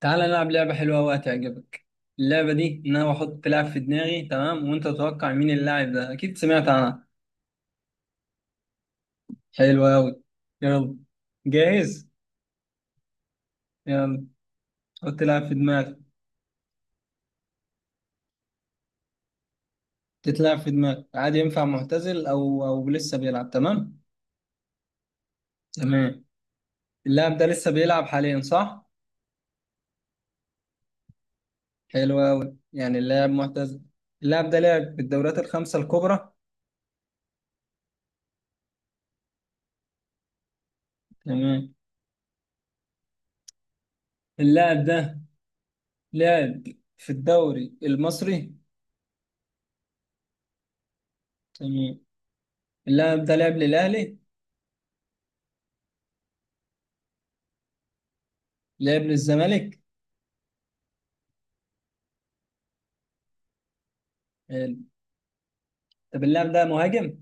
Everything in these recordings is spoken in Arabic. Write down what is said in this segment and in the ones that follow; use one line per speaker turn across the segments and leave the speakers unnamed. تعال نلعب لعبة حلوة وهتعجبك. اللعبة دي إن أنا بحط لاعب في دماغي، تمام؟ وأنت تتوقع مين اللاعب ده. أكيد سمعت عنها. حلوة أوي. يلا. جاهز؟ يلا. حط لاعب في دماغك. تتلعب في دماغك عادي، ينفع معتزل أو لسه بيلعب. تمام. تمام. اللاعب ده لسه بيلعب حاليا صح؟ حلوة أوي، يعني اللاعب معتزل. اللاعب ده لعب في الدوريات الخمسة الكبرى. تمام. اللاعب ده لعب في الدوري المصري. تمام. اللاعب ده لعب للأهلي. لعب للزمالك. حلو. طب اللاعب ده مهاجم؟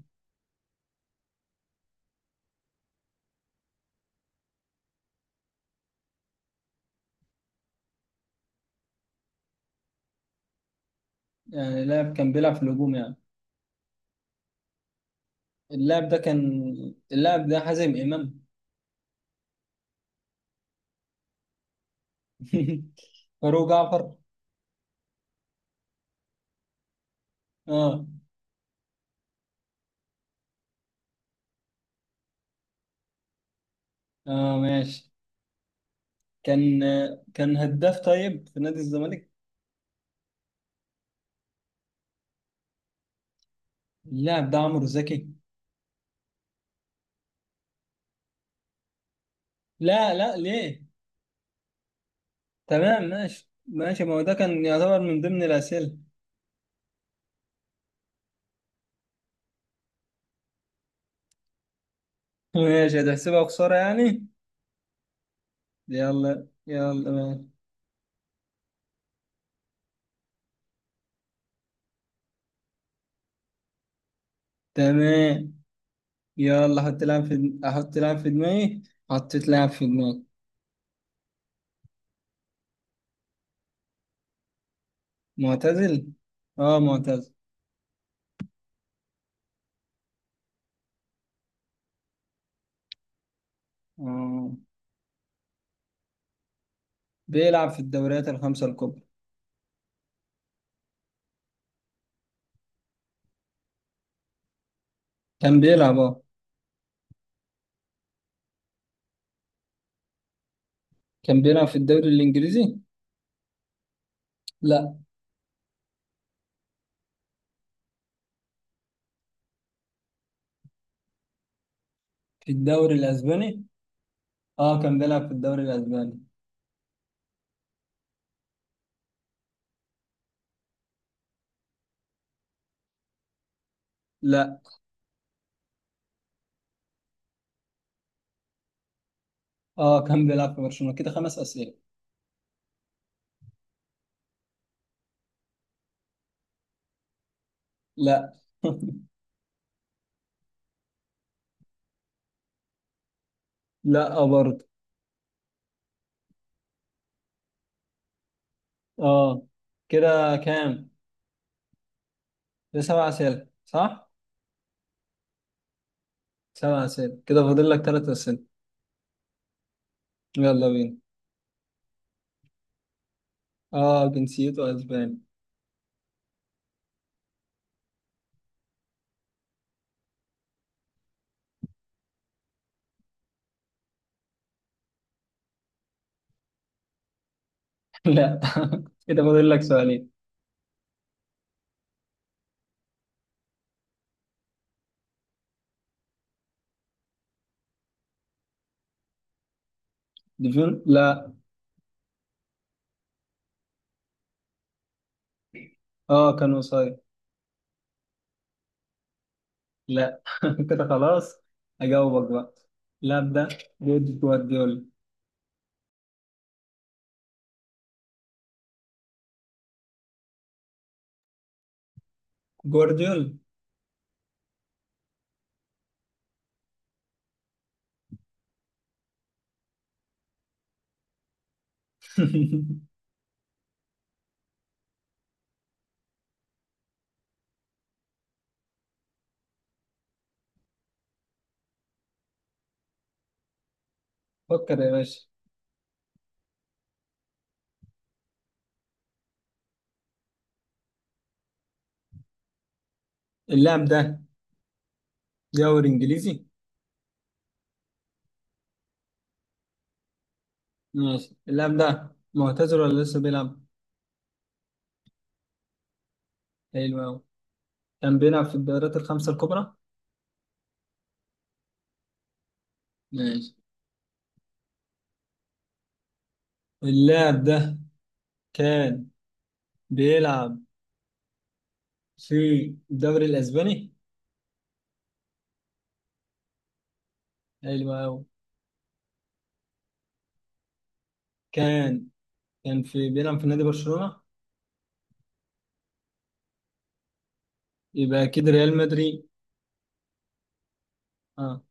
يعني اللاعب كان بيلعب في الهجوم يعني. اللاعب ده كان اللاعب ده حازم امام. فاروق جعفر. اه. اه ماشي. كان هداف طيب في نادي الزمالك. اللاعب ده عمرو زكي. لا. لا ليه؟ تمام ماشي ماشي، ما هو ده كان يعتبر من ضمن الأسئلة. ماشي، هتحسبها خسارة يعني. يلا يلا ماشي. تمام. يلا، حط لاعب في احط لاعب في دماغي. حطيت لاعب في دماغي. معتزل. اه معتزل. اه. بيلعب في الدوريات الخمسة الكبرى. كان بيلعب اه كان بيلعب في الدوري الإنجليزي. لا. في الدوري الأسباني. اه كان بيلعب في الدوري الأسباني. لا. اه كان بيلعب في برشلونة، كده خمس أسئلة. لا. لا، برضه. اه. كده كام؟ ده سبع أسئلة صح؟ سبع أسئلة، كده فاضل لك ثلاث أسئلة. يلا بينا. اه جنسيته أسباني. لا. كده فاضل لك سؤالين. ديفيون، لا. اه كان قصير. لا. كده خلاص. اجاوبك بقى. اللاعب ده جوارديولا. جوارديولا. فكر يا باشا. اللاعب ده دوري انجليزي. ماشي. اللاعب ده معتزل ولا لسه بيلعب؟ حلو قوي. كان بيلعب في الدوريات الخمسة الكبرى. ماشي. اللاعب ده كان بيلعب في الدوري الاسباني. حلو قوي. كان كان بيلعب في نادي برشلونة. يبقى اكيد ريال مدريد. اه.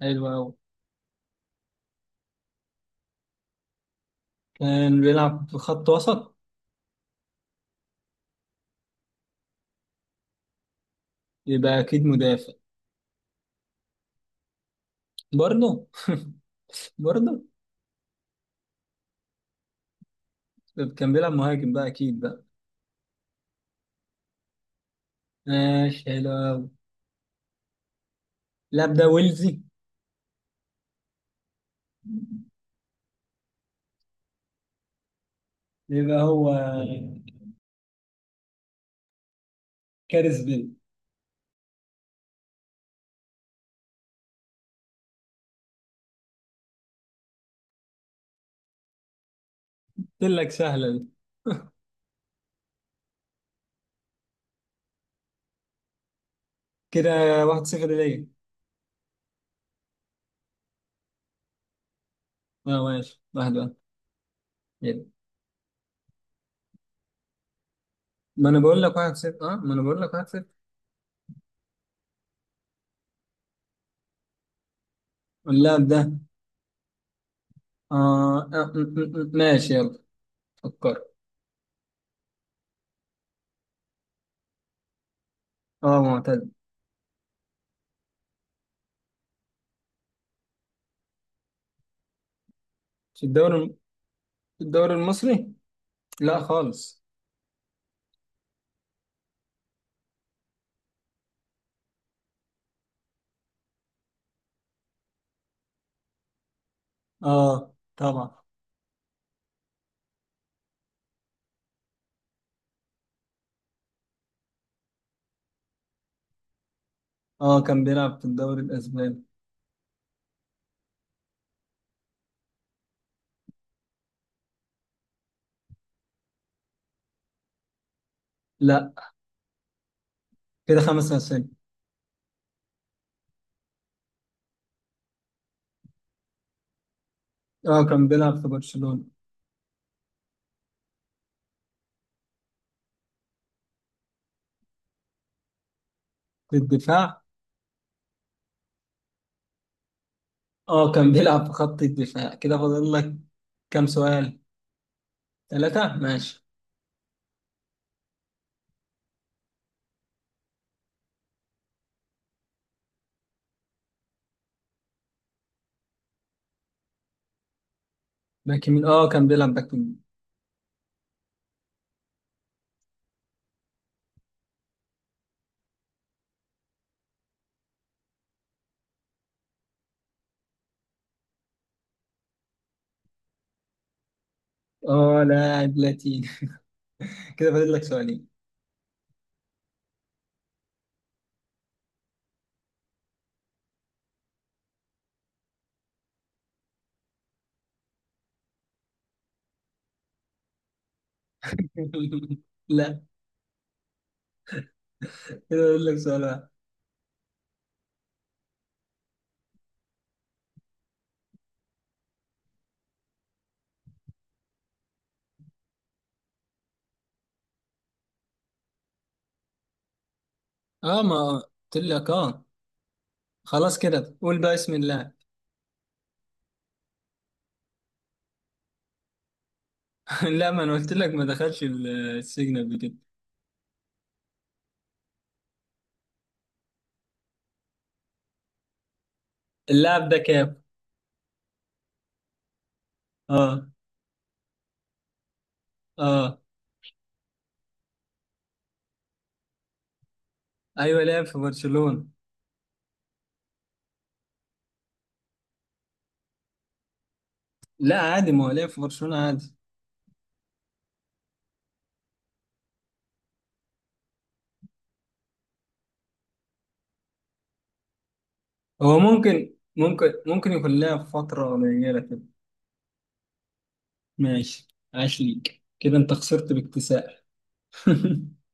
حلو قوي. كان بيلعب في خط وسط. يبقى اكيد مدافع. برضه. برضه. طب كان بيلعب مهاجم بقى اكيد بقى. ماشي، حلو أوي. اللاعب ده ويلزي. يبقى هو كارث بيل. قلت لك سهله دي. كده 1-0 ليا. اه ماشي، 1-1. يلا. ما انا بقول لك 1-0، اه ما انا بقول لك 1-0. اللاعب ده اه, ماشي يلا. فكر. اه معتز. في الدوري الم- في الدوري المصري؟ لا خالص. اه طبعا. اه كان بيلعب في الدوري الاسباني. لا. كده خمس أسئلة. اه كان بيلعب في برشلونة. في الدفاع. اه كان بيلعب في خط الدفاع، كده فاضل لك كام سؤال؟ ثلاثة، ماشي. باك يمين، اه كان بيلعب باك يمين. اه لاعب لاتيني. كده فاضل لك سؤالين. لا. كده فاضل لك سؤال واحد. اه ما قلت لك. اه خلاص كده، قول بقى اسم اللاعب. لا، ما انا قلت لك ما دخلش السجن قبل كده. اللاعب ده كام. اه. اه. ايوه لعب في برشلونة. لا عادي، ما هو لعب في برشلونة عادي. هو ممكن يكون لها فترة قليلة كده. ماشي. عاش ليك، كده انت خسرت باكتساح.